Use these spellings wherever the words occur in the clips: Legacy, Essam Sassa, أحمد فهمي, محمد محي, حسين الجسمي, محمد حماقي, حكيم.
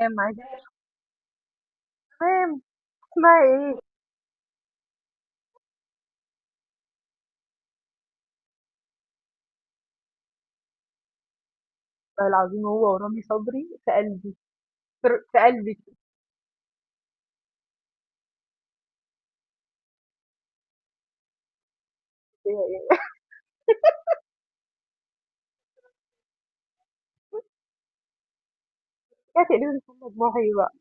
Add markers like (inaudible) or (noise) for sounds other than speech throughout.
تمام. تمام. اسمها إيه؟ والله العظيم هو ورامي صبري في قلبي. في قلبي كده يعني. (laughs) يا تقريبا محمد محي بقى.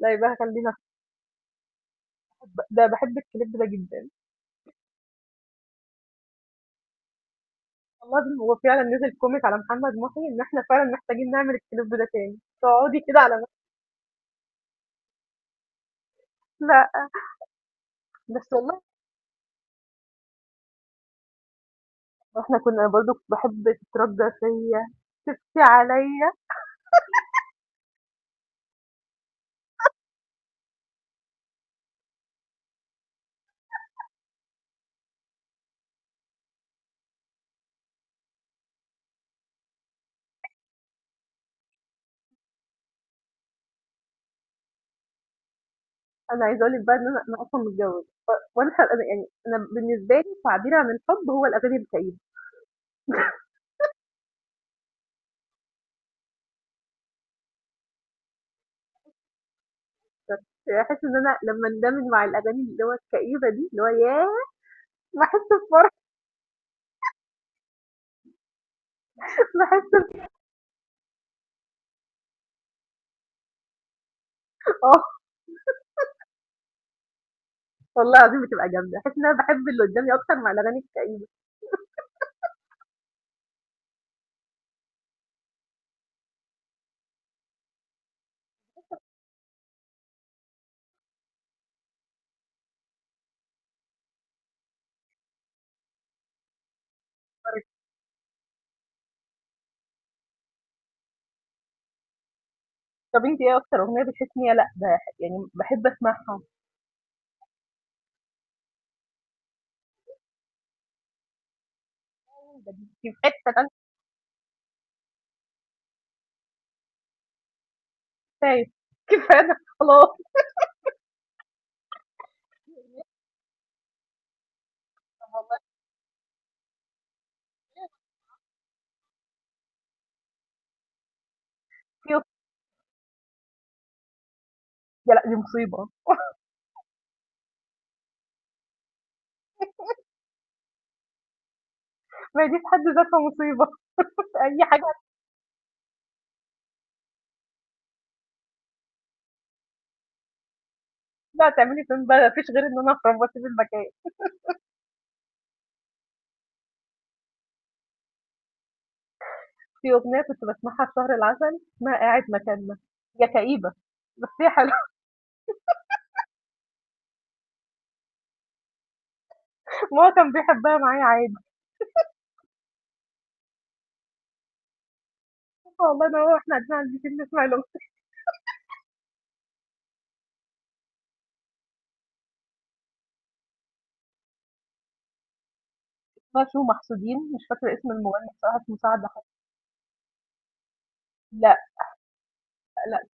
لا يبقى خلينا. ده بحب الكليب ده جدا. والله العظيم هو فعلا نزل كوميك على محمد محي ان احنا فعلا محتاجين نعمل الكليب ده تاني تقعدي كده على نفس-. لا بس والله احنا كنا برضو كنت بحب تتردى فيا، تبكي عليا. انا عايزه اقول لك بقى ان أنا اصلا متجوزه. يعني انا بالنسبه لي تعبيري عن الحب هو الاغاني الكئيبه. أكتر، باحس إن أنا لمّا اندمج مع الأغاني اللي هو الكئيبة دي، اللي هو ياه! باحس بفرح. (laughs) باحس ب آه، والله العظيم بتبقى جامدة، باحس إن أنا باحب اللي قدامي أكتر مع الأغاني الكئيبة. طَب أنتِ إيه أكتر أغنية بتحسي إن هي، لأ ده يعني باحب أسمعها، ده دي. كفاية، كفاية ده خلاص. والله كفاية. يا لأ دي مصيبة، ما هي دي في حد ذاتها مصيبة. (laughs) أي حاجة. هتطلعي تعملي فين بقى؟ ما فيش غير إن أنا أخرب وأسيب المكان. في أغنية كنت باسمعها في شهر العسل اسمها قاعد مكاننا، هي كئيبة بس هي حلوة. وهو كان بيحبها معايا عادي، والله أنا وهو وإحنا قاعدين عند البيت نسمع الأغنية بتاعة شو محسودين. مش فاكرة اسم المغني بصراحة، اسمه سعد حسن. لأ. لأ.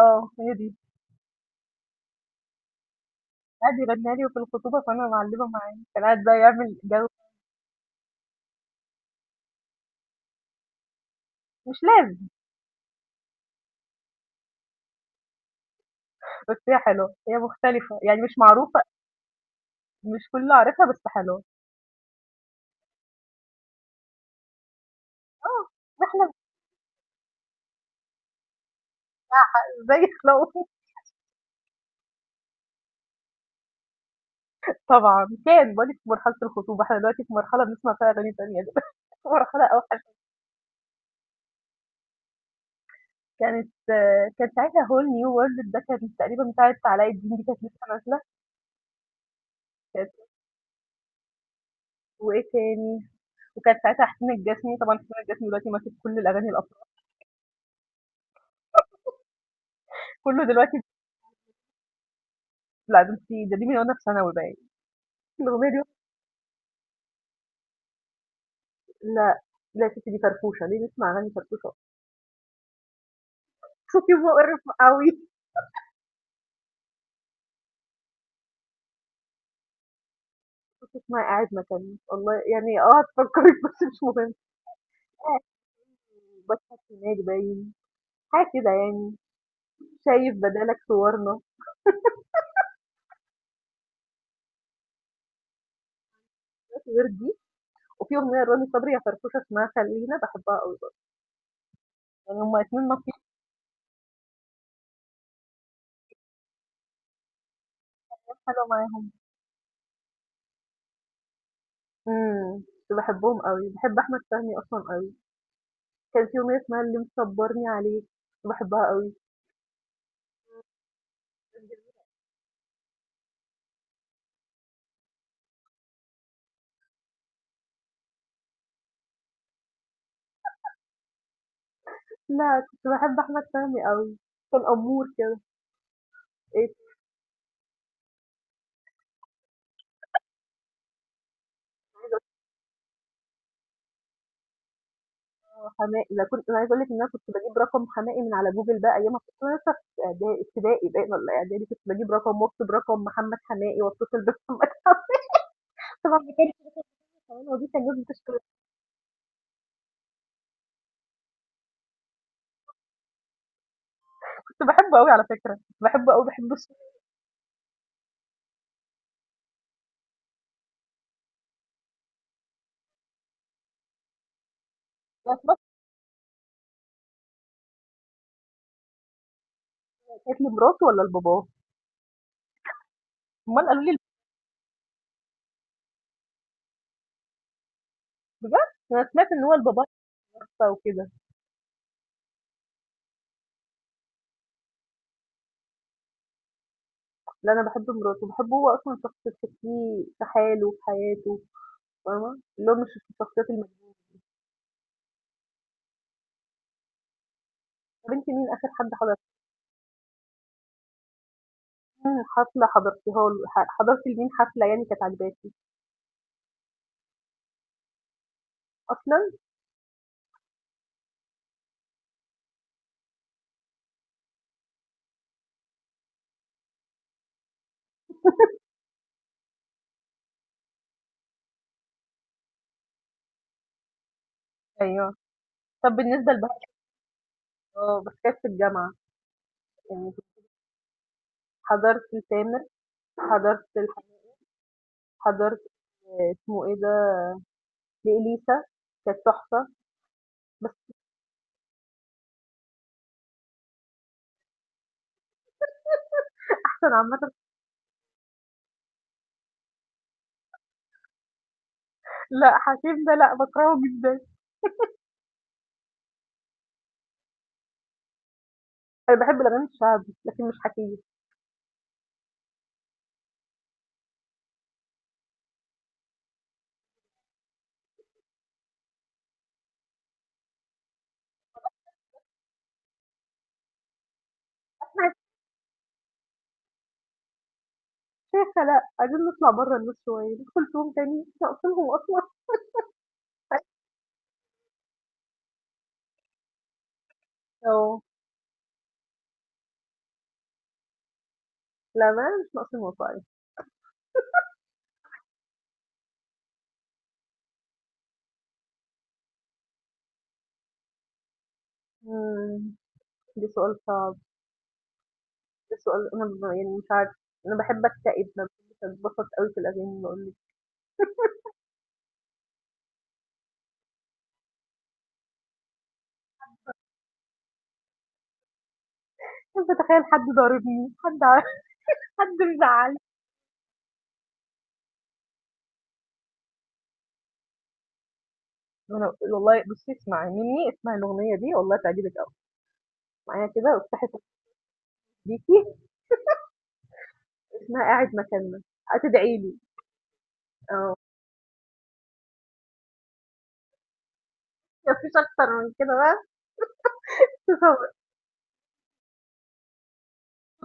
آه هي دي. قعد يغنيها لي وفي الخطوبة فأنا معلمة معاه، كان قاعد بقى يعمل جو. مش لازم، بس هي حلوة، هي مختلفة، يعني مش معروفة، مش كله عارفها بس حلوة. آه، إحنا زي خلاوة. طبعًا كان باقول لِك في مرحلة الخطوبة، إحنا دلوقتي في مرحلة بنسمع فيها أغاني تانية (laughs) دلوقتي مرحلة أوحش. كانت، كان ساعتها whole new world ده كان تقريبًا بتاعة علاء الدين دي كانت لسه نازلة. كانت، وإيه تاني، وكان ساعتها حسين الجسمي، طبعًا حسين الجسمي دلوقتي ماسك كل الأغاني الأصلًا، كله دلوقتي. لأ ده أنتِ، ده دي من وأنا في ثانوي باين، الأغنية دي. لأ، لأ يا ستي دي فرفوشة، ليه نسمع أغاني فرفوشة، صوتي مقرف أوي. صوتك ما قاعد مكانه، والله يعني هتفكرِك (laughs) بس مش مهم. (unintelligible) باسمة سماج باين، حاجة كده يعني، شايف بدالك صورنا. مفيش غير دي. وفي أغنية لرامي صبري يا فرفوشة اسمها خلينا باحبها أوي برضه، يعني هُم الاتنين ماشيين، حلو معاهم. إمم، كنت باحبهم أوي، باحب أحمد فهمي أصلًا أوي، كان في أغنية اسمها اللي مصبرني عليك، كنت باحبها أوي. لأ، كنت باحب أحمد فهمي أوي، كان أمور كده. إيه حماقي، ده كنت أنا عايزة أقول لِك إن أنا كنت باجيب رقم حماقي من على جوجل بقى أيامها. كنت أنا لسه في ابتدائي باين والّا إعدادي، كنت باجيب رقم وأكتب رقم محمد حماقي وأتصل بمحمد (laughs) حماقي. طبعًا ما كانش الحلاوة دي كان لازم تشترك. كنت باحبه أوي على فكرة، كنت باحبه أوي، باحب الصوت. أنا سمعت، كانت لمراته والّا لباباه؟ أمال قالوا لي. بجد؟ أنا سمعت إن هو لباباه توفى وكده. لا أنا باحب مراته، باحبه هو أصلًا شخص تحسّيه في حاله، في حياته، فاهمة؟ اللي هو مش الشخصيات المج. طَب أنتِ مين آخر حد حضرتِ؟ مين حفلة حضرتيها؟ له ح حضرتِ لمين حفلة يعني كانت عاجباكِ؟ أصلًا؟ أيوه. طَب بالنسبة لبقى. آه، بس كانت في الجامعة، يعني حضرت لتامر، حضرت لح حضرت اسمه إيه ده، لإليسا، كانت تحفة. بس أحسن عامةً. لأ، حكيم ده لأ، باكرهه جدًا. أنا باحب الأغاني الشعبي، لكن مش حكيم. شيخة لأ، عايزين نطلع برّه النور شوية، ندخل فيهم تاني، مش ناقصينهم أصلًا. آه، للأمانة (laughs) مش ناقصين وصاية. إمم، ده سؤال صعب، ده سؤال أنا يعني مش عارفة، أنا باحب أكتئب، ما باحبش أتبسط أوي في الأغاني باقول لِك. باحب أتخيل حد ضاربني، حد مزعّلني. ما أنا والله بُصّي اسمعي مني، اسمعي الأغنية دي والله تعجبِك أوي، اسمعيها كده وافتحي صوتِك بيكِ. اسمها قاعد مكاننا، هتدعي لي. آه، ما فيش أكتر من كده بقى، صوت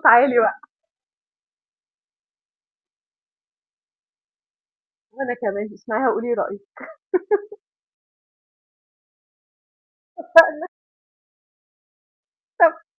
عالي بقى. وأنا كمان، اسمعيها وقولي رأيِك. طب